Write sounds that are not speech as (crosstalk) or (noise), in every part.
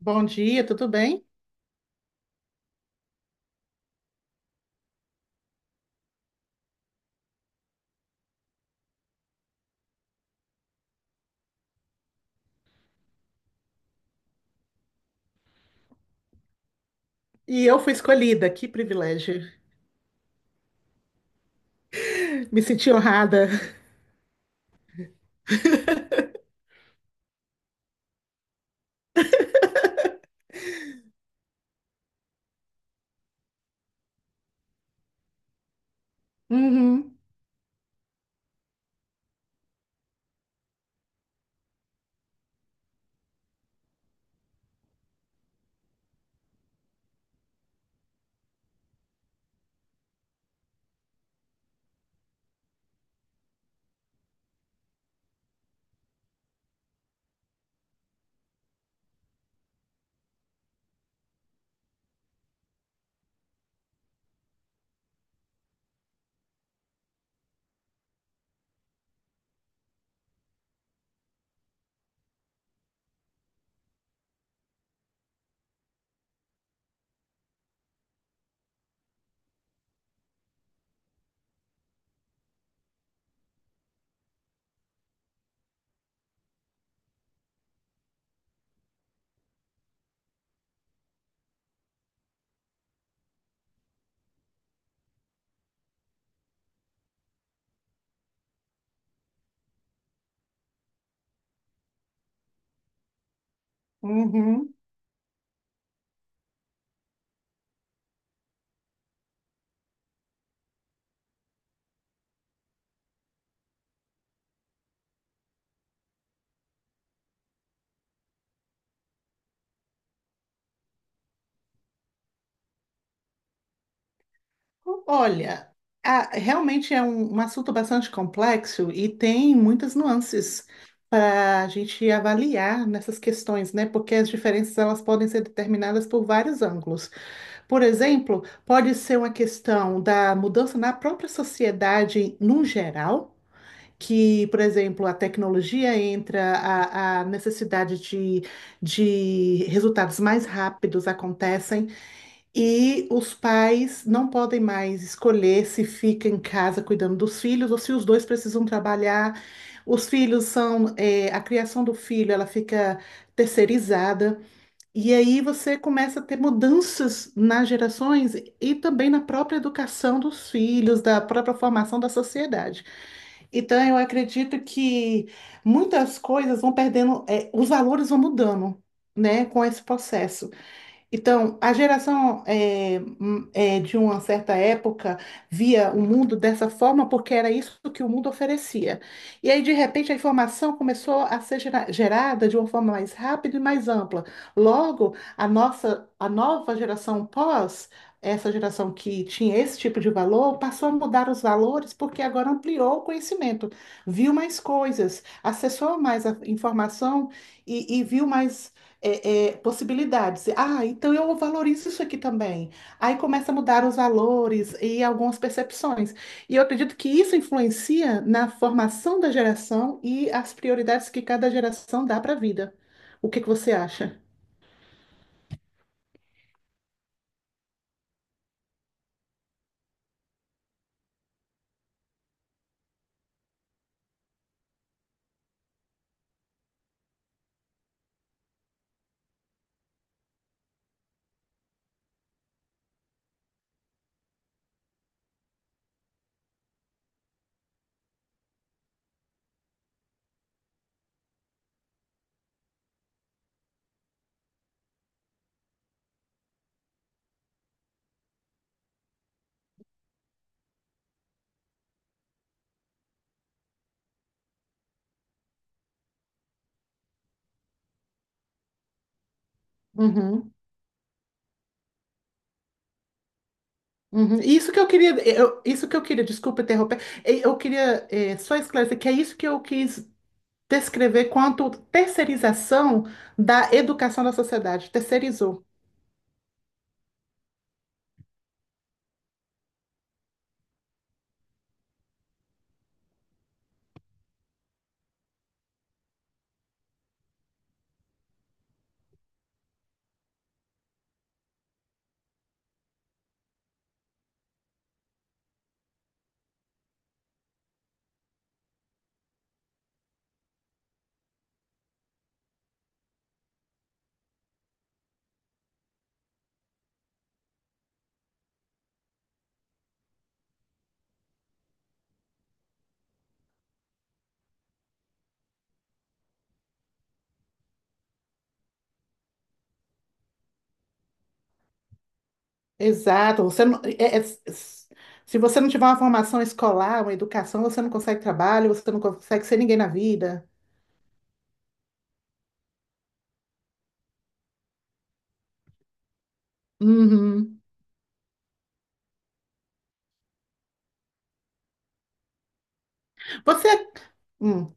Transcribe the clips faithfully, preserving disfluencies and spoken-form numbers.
Bom dia, tudo bem? E eu fui escolhida, que privilégio. Me senti honrada. (laughs) Uhum, uhum. Olha, a- realmente é um, um assunto bastante complexo e tem muitas nuances para a gente avaliar nessas questões, né? Porque as diferenças elas podem ser determinadas por vários ângulos. Por exemplo, pode ser uma questão da mudança na própria sociedade num geral, que, por exemplo, a tecnologia entra, a, a necessidade de, de resultados mais rápidos acontecem e os pais não podem mais escolher se fica em casa cuidando dos filhos ou se os dois precisam trabalhar. Os filhos são, eh, a criação do filho, ela fica terceirizada. E aí você começa a ter mudanças nas gerações e também na própria educação dos filhos, da própria formação da sociedade. Então, eu acredito que muitas coisas vão perdendo, eh, os valores vão mudando, né, com esse processo. Então, a geração eh, hum, eh, de uma certa época via o mundo dessa forma porque era isso que o mundo oferecia. E aí, de repente, a informação começou a ser gera- gerada de uma forma mais rápida e mais ampla. Logo, a nossa, a nova geração pós, essa geração que tinha esse tipo de valor, passou a mudar os valores porque agora ampliou o conhecimento, viu mais coisas, acessou mais a informação e e viu mais é, é, possibilidades. Ah, então eu valorizo isso aqui também. Aí começa a mudar os valores e algumas percepções. E eu acredito que isso influencia na formação da geração e as prioridades que cada geração dá para a vida. O que que você acha? Uhum, uhum. Isso que eu queria, é, eu- isso que eu queria, desculpa interromper. Eh, eu queria eh, só esclarecer que é isso que eu quis descrever quanto terceirização da educação da sociedade, terceirizou. Exato. Você não, é- é- se você não tiver uma formação escolar, uma educação, você não consegue trabalho, você não consegue ser ninguém na vida. Uhum. Você, hum,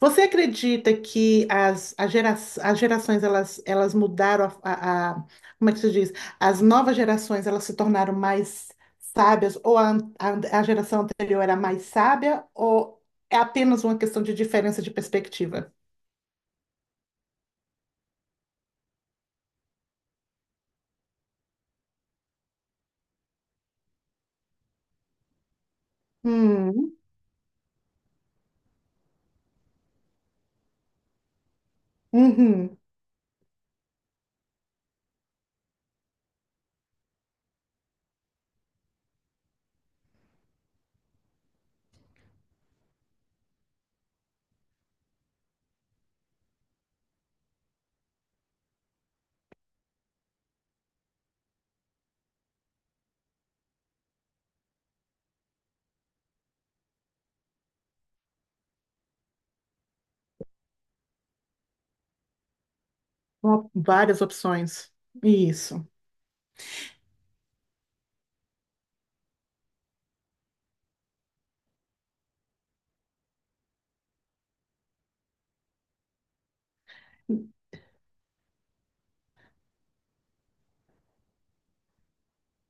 você acredita que as, a gera- as gerações elas, elas mudaram a, a- a- como é que se diz? As novas gerações elas se tornaram mais sábias ou a, a, a geração anterior era mais sábia ou é apenas uma questão de diferença de perspectiva? Hum, uhum. Ó, várias opções. Isso.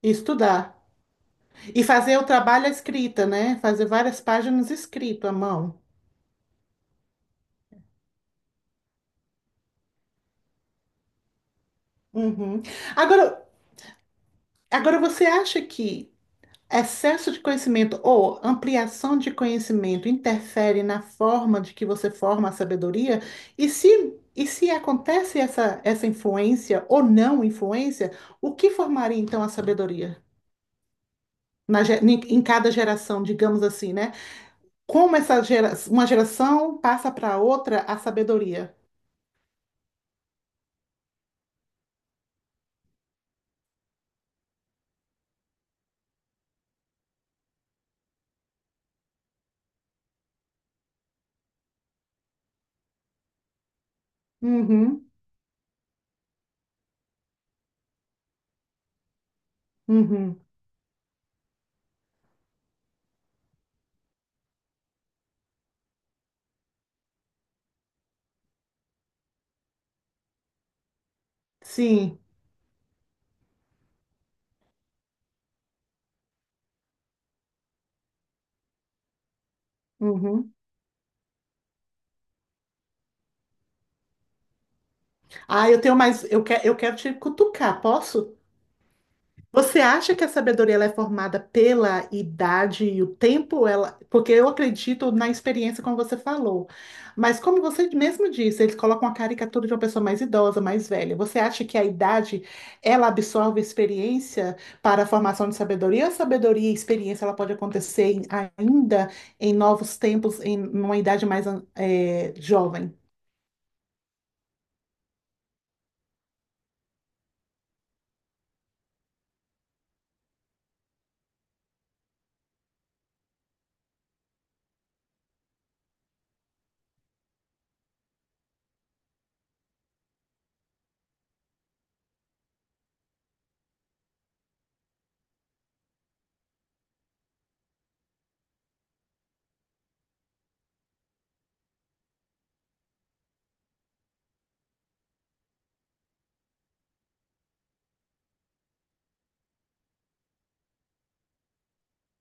Estudar. E fazer o trabalho à escrita, né? Fazer várias páginas escrito à mão. Uhum. Agora, agora você acha que excesso de conhecimento ou ampliação de conhecimento interfere na forma de que você forma a sabedoria? E se, e se acontece essa, essa influência ou não influência, o que formaria então a sabedoria? Na, ge- em em cada geração, digamos assim, né? Como essa gera- uma geração passa para outra a sabedoria. Uhum, uhum. Sim. Uhum. Ah, eu tenho mais. Eu, que, eu quero te cutucar, posso? Você acha que a sabedoria ela é formada pela idade e o tempo? Ela... Porque eu acredito na experiência, como você falou. Mas como você mesmo disse, eles colocam a caricatura de uma pessoa mais idosa, mais velha. Você acha que a idade ela absorve a experiência para a formação de sabedoria? Ou a sabedoria e a experiência ela pode acontecer em- ainda em novos tempos, em uma idade mais an- eh, jovem?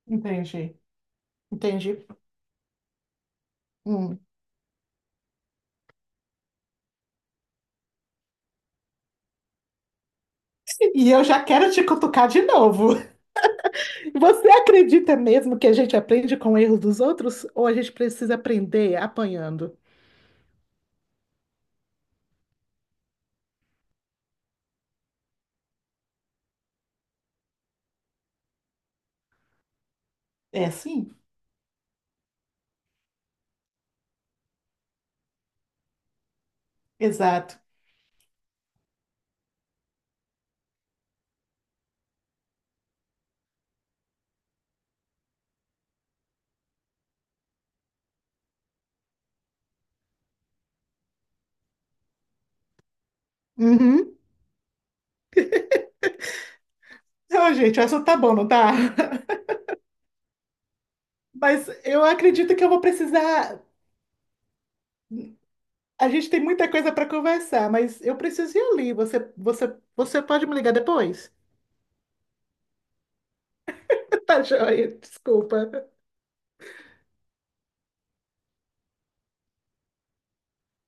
Entendi, entendi. Hum. E eu já quero te cutucar de novo. Você acredita mesmo que a gente aprende com o erro dos outros ou a gente precisa aprender apanhando? É sim, exato. Uhum. Ô, gente, o assunto tá bom, não tá? (laughs) Mas eu acredito que eu vou precisar. A gente tem muita coisa para conversar, mas eu preciso ir ali. Você, você, você pode me ligar depois? (laughs) Tá joia, desculpa.